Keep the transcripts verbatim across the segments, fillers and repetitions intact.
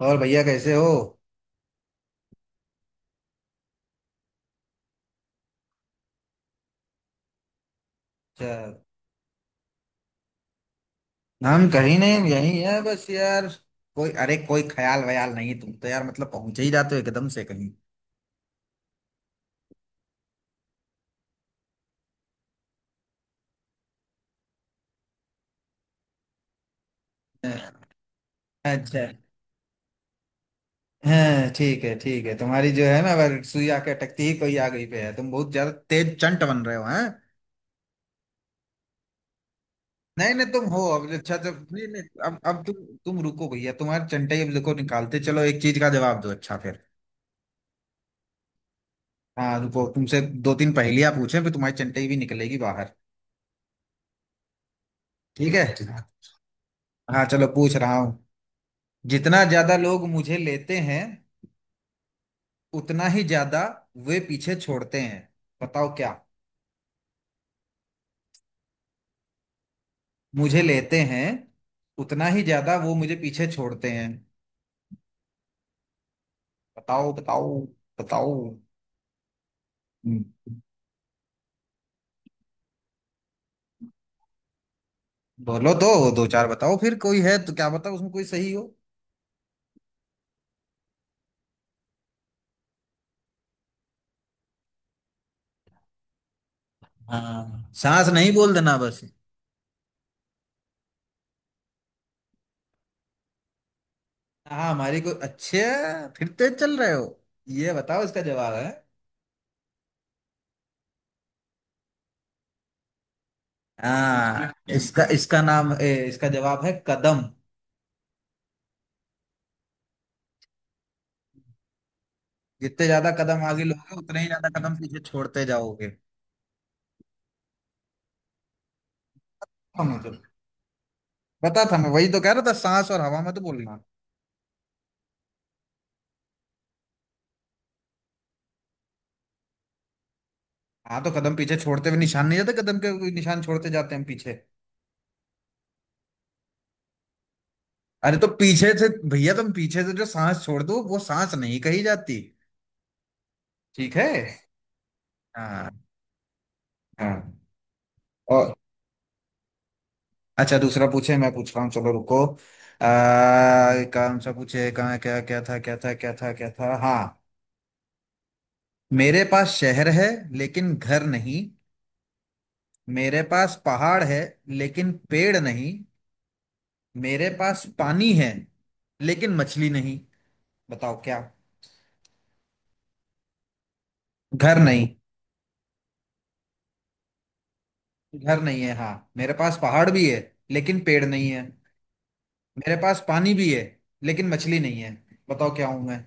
और भैया कैसे हो। अच्छा। हम कहीं नहीं यहीं है बस यार। कोई अरे कोई ख्याल वयाल नहीं। तुम तो यार मतलब पहुंच ही जाते हो एकदम से कहीं। हाँ, अच्छा। हाँ ठीक है ठीक है। तुम्हारी जो है ना अगर सुई आके अटकती ही कोई आ गई पे है। तुम बहुत ज्यादा तेज चंट बन रहे हो हैं। नहीं नहीं तुम हो। अब अच्छा जब नहीं नहीं अब अब तुम तुम रुको भैया। तुम्हारे चंटे अब देखो निकालते चलो। एक चीज का जवाब दो अच्छा फिर। हाँ रुको। तुमसे दो तीन पहेलियां पूछे फिर तुम्हारी चंटे भी निकलेगी बाहर। ठीक है। हाँ चलो पूछ रहा हूँ। जितना ज्यादा लोग मुझे लेते हैं उतना ही ज्यादा वे पीछे छोड़ते हैं। बताओ क्या। मुझे लेते हैं उतना ही ज्यादा वो मुझे पीछे छोड़ते हैं। बताओ बताओ बताओ। हम्म। बोलो तो दो चार बताओ फिर कोई है तो क्या बताओ उसमें कोई सही हो। हाँ सांस नहीं बोल देना बस। हाँ हमारी कोई अच्छे फिर तेज चल रहे हो। ये बताओ इसका जवाब है। हाँ इसका इसका नाम ए, इसका जवाब है कदम। जितने ज्यादा कदम आगे लोगे उतने ही ज्यादा कदम पीछे छोड़ते जाओगे। हाँ, मुझे पता था। मैं वही तो कह रहा था सांस और हवा में तो बोलना। हाँ तो कदम पीछे छोड़ते हुए निशान नहीं जाते। कदम के कोई निशान छोड़ते जाते हैं हम पीछे। अरे तो पीछे से भैया तुम पीछे से जो सांस छोड़ दो वो सांस नहीं कही जाती। ठीक है। हाँ। हाँ। और अच्छा दूसरा पूछे। मैं पूछ रहा हूँ चलो रुको। आ, कौन सा पूछे कहाँ क्या क्या था क्या था क्या था क्या था हाँ। मेरे पास शहर है लेकिन घर नहीं। मेरे पास पहाड़ है लेकिन पेड़ नहीं। मेरे पास पानी है लेकिन मछली नहीं। बताओ क्या। घर नहीं। घर नहीं है हाँ। मेरे पास पहाड़ भी है लेकिन पेड़ नहीं है। मेरे पास पानी भी है लेकिन मछली नहीं है। बताओ क्या हूं मैं।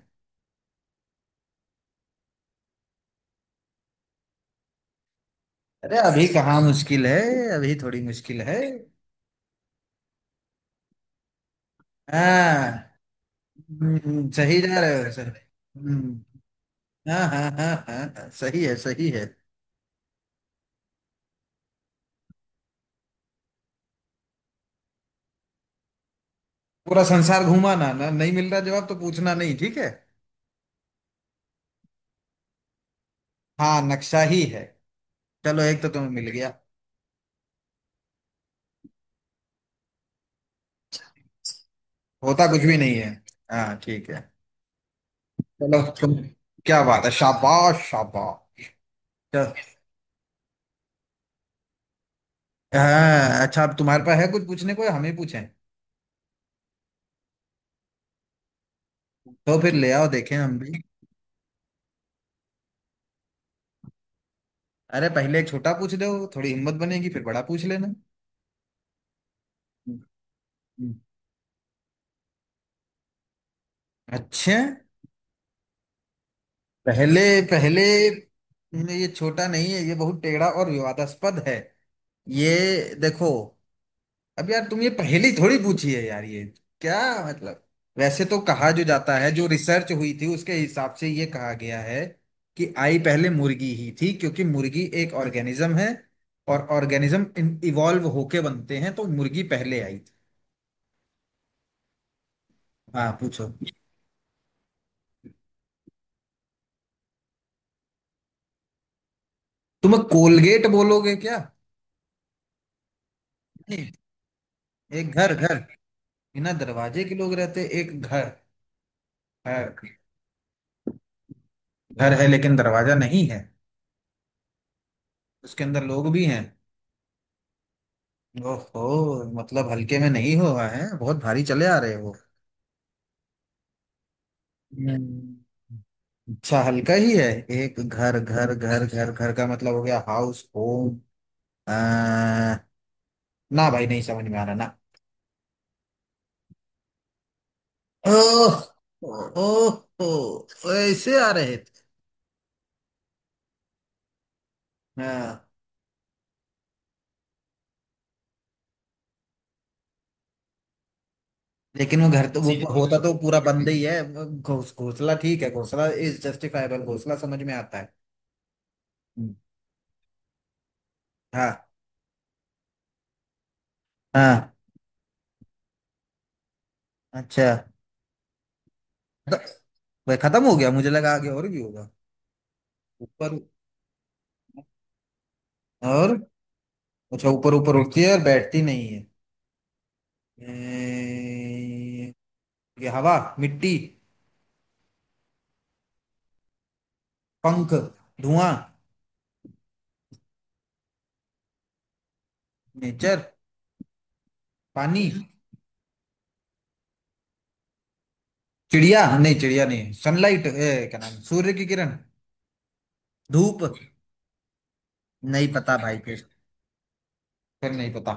अरे अभी कहाँ मुश्किल है। अभी थोड़ी मुश्किल है। हाँ। हम्म, सही जा रहे हो सर। हम्म, हाँ हाँ हाँ हाँ हाँ, सही है सही है। पूरा संसार घूमाना ना नहीं मिल रहा जवाब तो पूछना नहीं ठीक है। हाँ नक्शा ही है। चलो एक तो तुम्हें मिल गया। होता कुछ भी नहीं है। हाँ ठीक है। चलो तुम क्या बात है शाबाश शाबाश। चल, हाँ अच्छा अब तुम्हारे पास है कुछ पूछने को या हमें पूछें। तो फिर ले आओ देखें हम भी। अरे पहले एक छोटा पूछ दो। थोड़ी हिम्मत बनेगी फिर बड़ा पूछ लेना। हम्म। अच्छा। पहले पहले ये छोटा नहीं है ये बहुत टेढ़ा और विवादास्पद है। ये देखो। अब यार तुम ये पहेली थोड़ी पूछी है यार ये क्या मतलब। वैसे तो कहा जो जाता है जो रिसर्च हुई थी उसके हिसाब से ये कहा गया है कि आई पहले मुर्गी ही थी क्योंकि मुर्गी एक ऑर्गेनिज्म है और ऑर्गेनिज्म इवॉल्व होके बनते हैं तो मुर्गी पहले आई थी। हाँ पूछो। तुम कोलगेट बोलोगे क्या। नहीं। एक घर घर बिना दरवाजे के लोग रहते एक घर। घर। घर है लेकिन दरवाजा नहीं है। उसके अंदर लोग भी हैं। ओहो मतलब हल्के में नहीं हुआ है बहुत भारी चले आ रहे हो। हम्म। अच्छा हल्का ही है। एक घर घर घर घर घर का मतलब हो गया हाउस होम। आ, ना भाई नहीं समझ में आ रहा ना। ओह। ओह। ओह, ऐसे आ रहे थे। हाँ लेकिन वो घर तो वो सीधे होता तो पूरा बंद ही है। घोस घोंसला ठीक है। घोंसला इज जस्टिफाइबल। घोंसला समझ में आता है। हम्म, हाँ हाँ अच्छा। तो- वही खत्म हो गया मुझे लगा आगे और भी होगा। ऊपर। और अच्छा ऊपर ऊपर उड़ती है और बैठती नहीं है। ए, ये हवा मिट्टी पंख धुआं नेचर पानी चिड़िया नहीं चिड़िया नहीं सनलाइट ए, क्या नाम सूर्य की किरण धूप। नहीं पता भाई फिर। फिर नहीं पता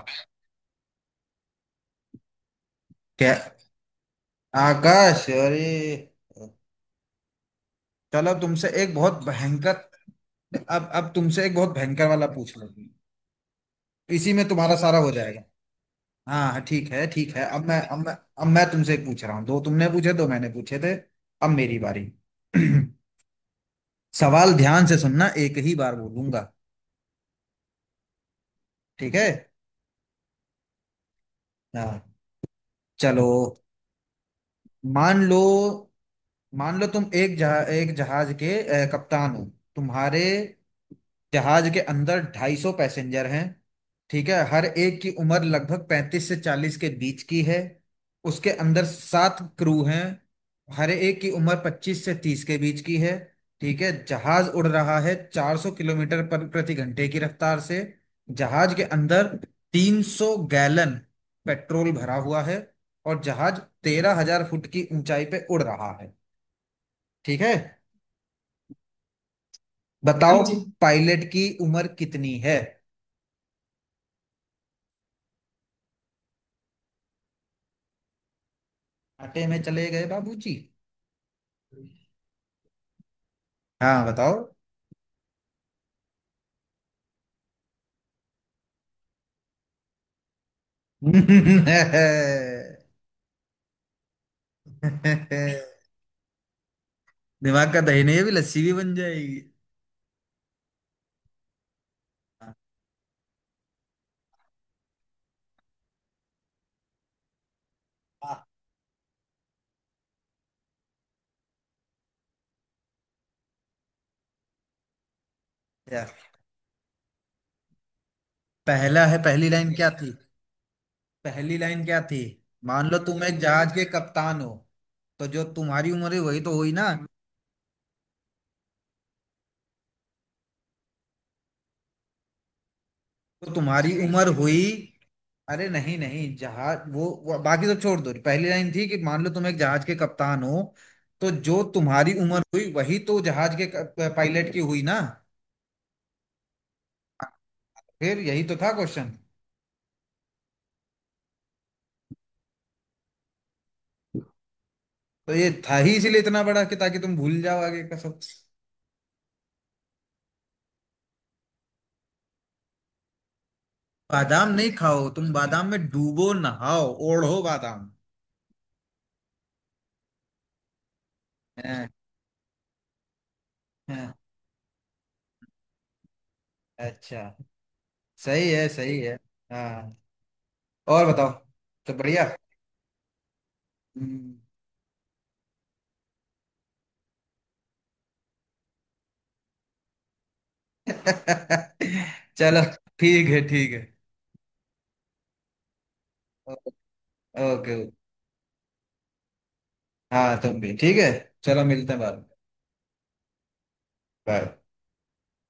क्या। आकाश अरे। चलो तुमसे एक बहुत भयंकर। अब अब तुमसे एक बहुत भयंकर वाला पूछ लो। इसी में तुम्हारा सारा हो जाएगा। हाँ हाँ, ठीक है ठीक है। अब मैं अब मैं अब मैं तुमसे एक पूछ रहा हूँ। दो तुमने पूछे दो मैंने पूछे थे। अब मेरी बारी। सवाल ध्यान से सुनना एक ही बार बोलूंगा। ठीक है। हाँ चलो। मान लो मान लो तुम एक जहा, एक जहाज के अ, कप्तान हो। तुम्हारे जहाज के अंदर ढाई सौ पैसेंजर हैं। ठीक है। हर एक की उम्र लगभग पैंतीस से चालीस के बीच की है। उसके अंदर सात क्रू हैं। हर एक की उम्र पच्चीस से तीस के बीच की है। ठीक है। जहाज उड़ रहा है चार सौ किलोमीटर पर प्रति घंटे की रफ्तार से। जहाज के अंदर तीन सौ गैलन पेट्रोल भरा हुआ है। और जहाज तेरह हज़ार फुट की ऊंचाई पे उड़ रहा है। ठीक है। हाँ बताओ जी पायलट की उम्र कितनी है। आटे में चले गए बाबूजी। हाँ बताओ। दिमाग का दही नहीं है, अभी लस्सी भी बन जाएगी। हाँ, यार पहला है पहली लाइन क्या थी। पहली लाइन क्या थी। मान लो तुम एक जहाज के कप्तान हो। तो जो तुम्हारी उम्र है वही तो हुई ना। तो तुम्हारी उम्र हुई। अरे नहीं नहीं जहाज वो, वो बाकी तो छोड़ दो। पहली लाइन थी कि मान लो तुम एक जहाज के कप्तान हो। तो जो तुम्हारी उम्र हुई वही तो जहाज के क- पायलट की हुई ना। फिर यही तो था क्वेश्चन। तो ये था ही इसीलिए इतना बड़ा कि ताकि तुम भूल जाओ आगे का सब। बादाम नहीं खाओ तुम बादाम में डूबो नहाओ ओढ़ो बादाम। हाँ, हाँ, अच्छा सही है सही है। हाँ और बताओ। तो बढ़िया। हम्म। चलो ठीक है ठीक है। ओके। ओके हाँ तुम भी ठीक है। चलो मिलते हैं बाद में। बाय।